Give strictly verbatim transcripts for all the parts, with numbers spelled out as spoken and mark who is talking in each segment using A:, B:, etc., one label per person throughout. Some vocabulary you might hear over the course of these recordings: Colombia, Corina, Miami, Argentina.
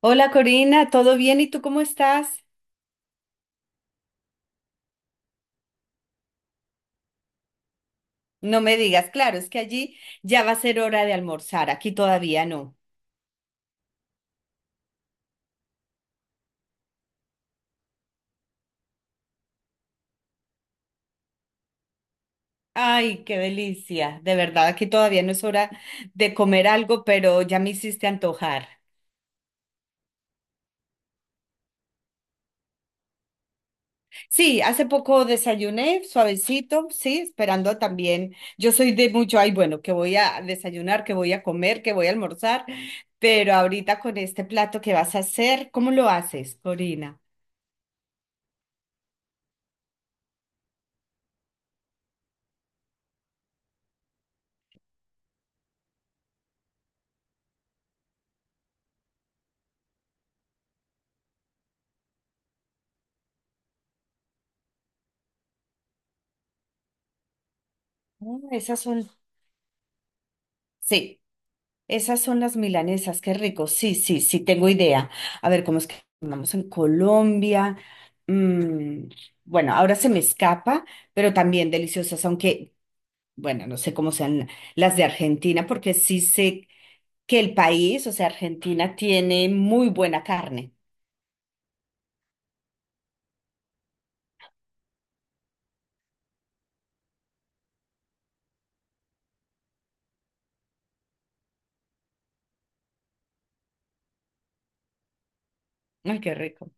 A: Hola Corina, ¿todo bien? ¿Y tú cómo estás? No me digas, claro, es que allí ya va a ser hora de almorzar, aquí todavía no. Ay, qué delicia, de verdad, aquí todavía no es hora de comer algo, pero ya me hiciste antojar. Sí, hace poco desayuné, suavecito, sí, esperando también. Yo soy de mucho, ay, bueno, que voy a desayunar, que voy a comer, que voy a almorzar, pero ahorita con este plato que vas a hacer, ¿cómo lo haces, Corina? Mm, esas son, sí. Esas son las milanesas, qué rico. Sí, sí, sí, tengo idea. A ver, ¿cómo es que llamamos en Colombia? Mm, bueno, ahora se me escapa, pero también deliciosas, aunque, bueno, no sé cómo sean las de Argentina, porque sí sé que el país, o sea, Argentina, tiene muy buena carne. Ay, qué rico.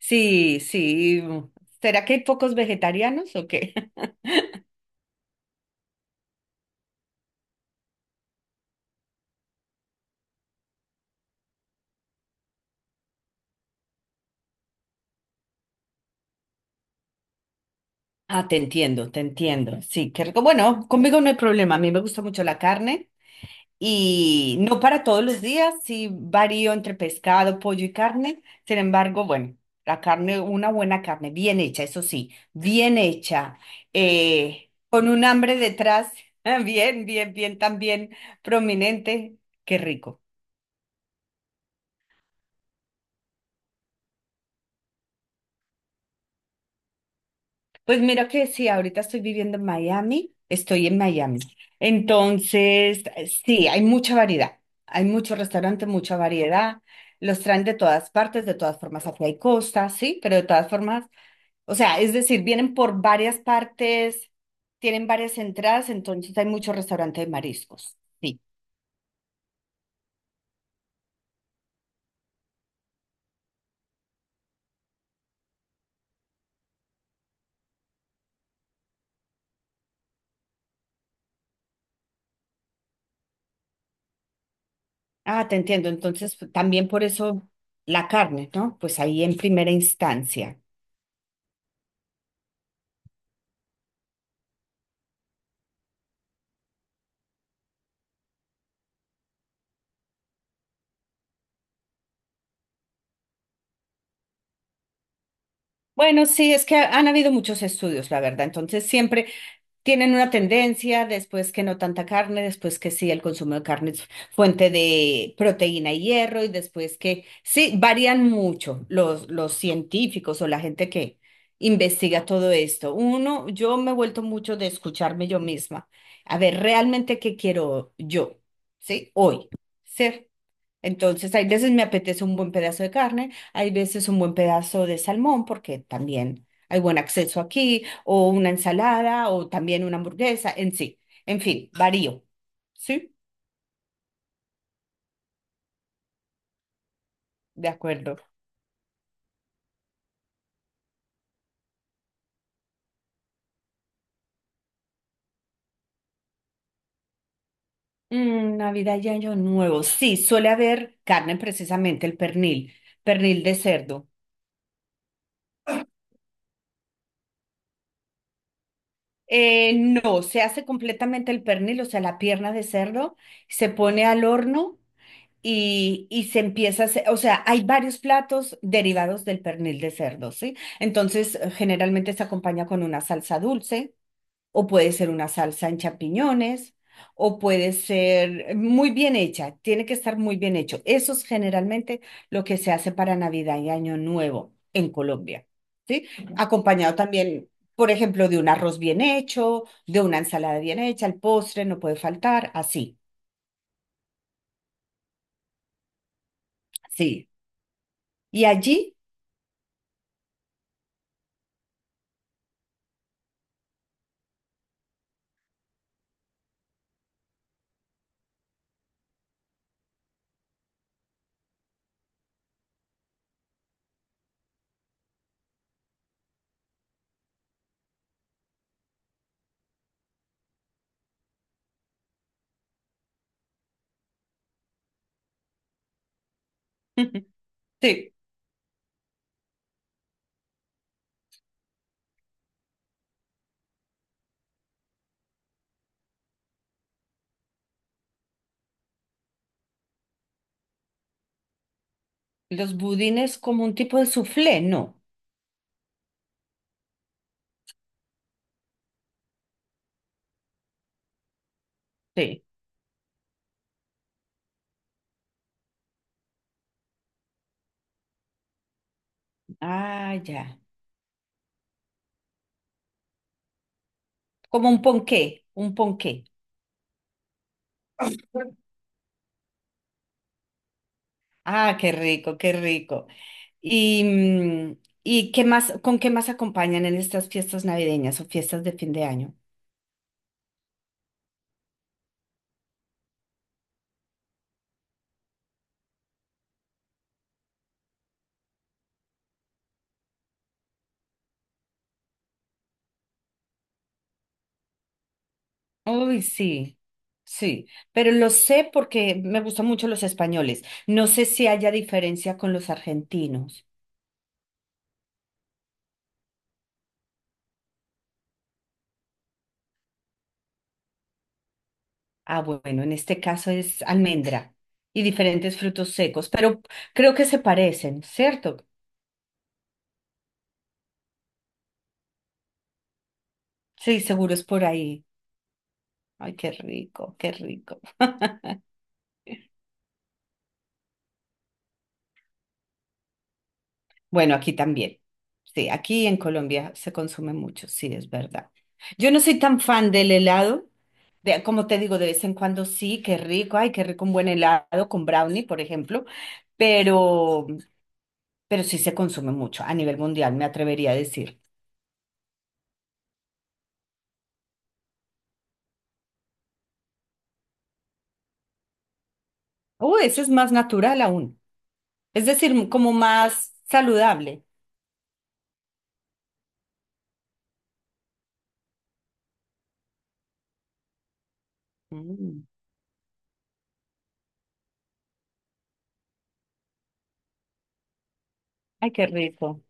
A: Sí, sí. ¿Será que hay pocos vegetarianos o qué? Ah, te entiendo, te entiendo. Sí, qué rico. Bueno, conmigo no hay problema. A mí me gusta mucho la carne. Y no para todos los días, sí varío entre pescado, pollo y carne. Sin embargo, bueno, la carne, una buena carne, bien hecha, eso sí, bien hecha, eh, con un hambre detrás, bien, bien, bien, también prominente, qué rico. Pues mira que sí, ahorita estoy viviendo en Miami, estoy en Miami. Entonces, sí, hay mucha variedad, hay muchos restaurantes, mucha variedad. Los traen de todas partes, de todas formas, aquí hay costa, sí, pero de todas formas. O sea, es decir, vienen por varias partes, tienen varias entradas, entonces hay muchos restaurantes de mariscos. Sí. Ah, te entiendo. Entonces, pues, también por eso la carne, ¿no? Pues ahí en primera instancia. Bueno, sí, es que han habido muchos estudios, la verdad. Entonces, siempre, tienen una tendencia, después que no tanta carne, después que sí, el consumo de carne es fuente de proteína y hierro, y después que sí, varían mucho los, los científicos o la gente que investiga todo esto. Uno, yo me he vuelto mucho de escucharme yo misma, a ver realmente qué quiero yo, ¿sí? Hoy, ¿sí? Entonces, hay veces me apetece un buen pedazo de carne, hay veces un buen pedazo de salmón, porque también hay buen acceso aquí, o una ensalada, o también una hamburguesa, en sí. En fin, varío. ¿Sí? De acuerdo. Mm, Navidad y Año Nuevo. Sí, suele haber carne, precisamente el pernil, pernil de cerdo. Eh, no, se hace completamente el pernil, o sea, la pierna de cerdo, se pone al horno. Y, y se empieza a hacer, o sea, hay varios platos derivados del pernil de cerdo, ¿sí? Entonces, eh, generalmente se acompaña con una salsa dulce, o puede ser una salsa en champiñones, o puede ser eh, muy bien hecha, tiene que estar muy bien hecho. Eso es generalmente lo que se hace para Navidad y Año Nuevo en Colombia, ¿sí? Acompañado también, por ejemplo, de un arroz bien hecho, de una ensalada bien hecha, el postre no puede faltar, así, sí. Y allí, sí. Los budines como un tipo de soufflé, no. Sí. Ah, ya. Como un ponqué, un ponqué. Ah, qué rico, qué rico. Y, mm, ¿y qué más, con qué más acompañan en estas fiestas navideñas o fiestas de fin de año? Uy, sí, sí, pero lo sé porque me gustan mucho los españoles. No sé si haya diferencia con los argentinos. Ah, bueno, en este caso es almendra y diferentes frutos secos, pero creo que se parecen, ¿cierto? Sí, seguro es por ahí. Ay, qué rico, qué rico. Bueno, aquí también. Sí, aquí en Colombia se consume mucho, sí, es verdad. Yo no soy tan fan del helado. De, como te digo, de vez en cuando sí, qué rico, ay, qué rico un buen helado con brownie, por ejemplo, pero, pero sí se consume mucho a nivel mundial, me atrevería a decir. Oh, ese es más natural aún, es decir, como más saludable. Mm. Ay, qué rico.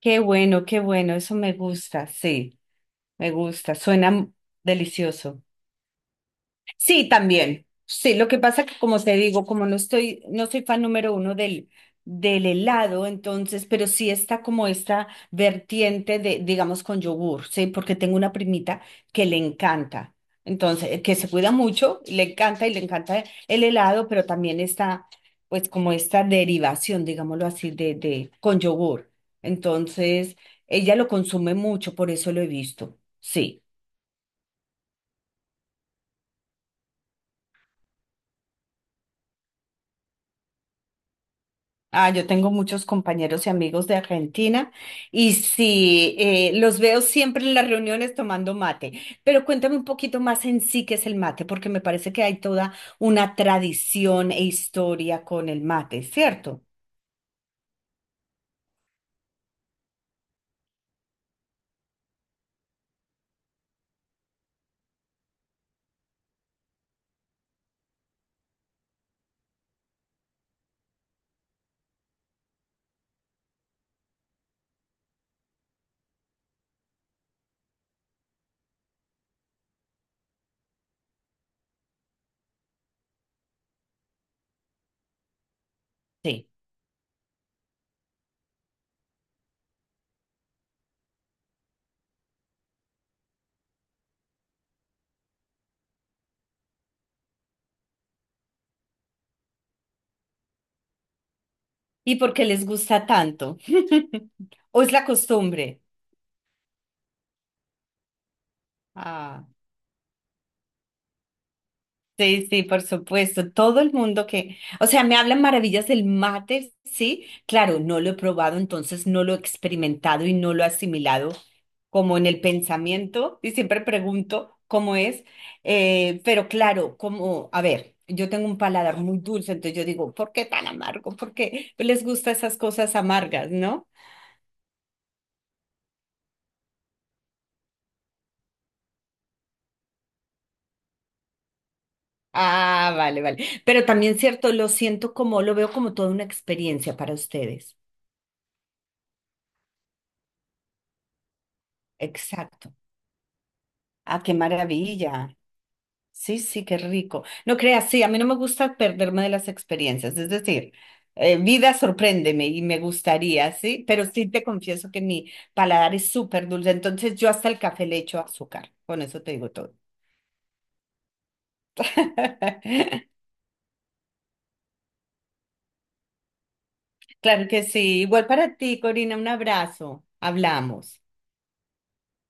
A: Qué bueno, qué bueno, eso me gusta, sí. Me gusta, suena m- delicioso. Sí, también. Sí, lo que pasa que como te digo, como no estoy, no soy fan número uno del, del helado, entonces, pero sí está como esta vertiente de, digamos, con yogur, sí, porque tengo una primita que le encanta. Entonces, eh, que se cuida mucho, le encanta y le encanta el helado, pero también está, pues, como esta derivación, digámoslo así, de, de, con yogur. Entonces, ella lo consume mucho, por eso lo he visto. Sí. Ah, yo tengo muchos compañeros y amigos de Argentina y sí, eh, los veo siempre en las reuniones tomando mate. Pero cuéntame un poquito más en sí qué es el mate, porque me parece que hay toda una tradición e historia con el mate, ¿cierto? Sí. ¿Y por qué les gusta tanto? ¿O es la costumbre? Ah. Sí, sí, por supuesto. Todo el mundo que, o sea, me hablan maravillas del mate, sí. Claro, no lo he probado, entonces no lo he experimentado y no lo he asimilado como en el pensamiento y siempre pregunto cómo es. Eh, pero claro, como, a ver, yo tengo un paladar muy dulce, entonces yo digo, ¿por qué tan amargo? ¿Por qué les gustan esas cosas amargas, no? Ah, vale, vale. Pero también cierto, lo siento como, lo veo como toda una experiencia para ustedes. Exacto. Ah, qué maravilla. Sí, sí, qué rico. No creas, sí, a mí no me gusta perderme de las experiencias, es decir, eh, vida sorpréndeme y me gustaría, sí, pero sí te confieso que mi paladar es súper dulce, entonces yo hasta el café le echo azúcar, con eso te digo todo. Claro que sí, igual para ti, Corina, un abrazo, hablamos.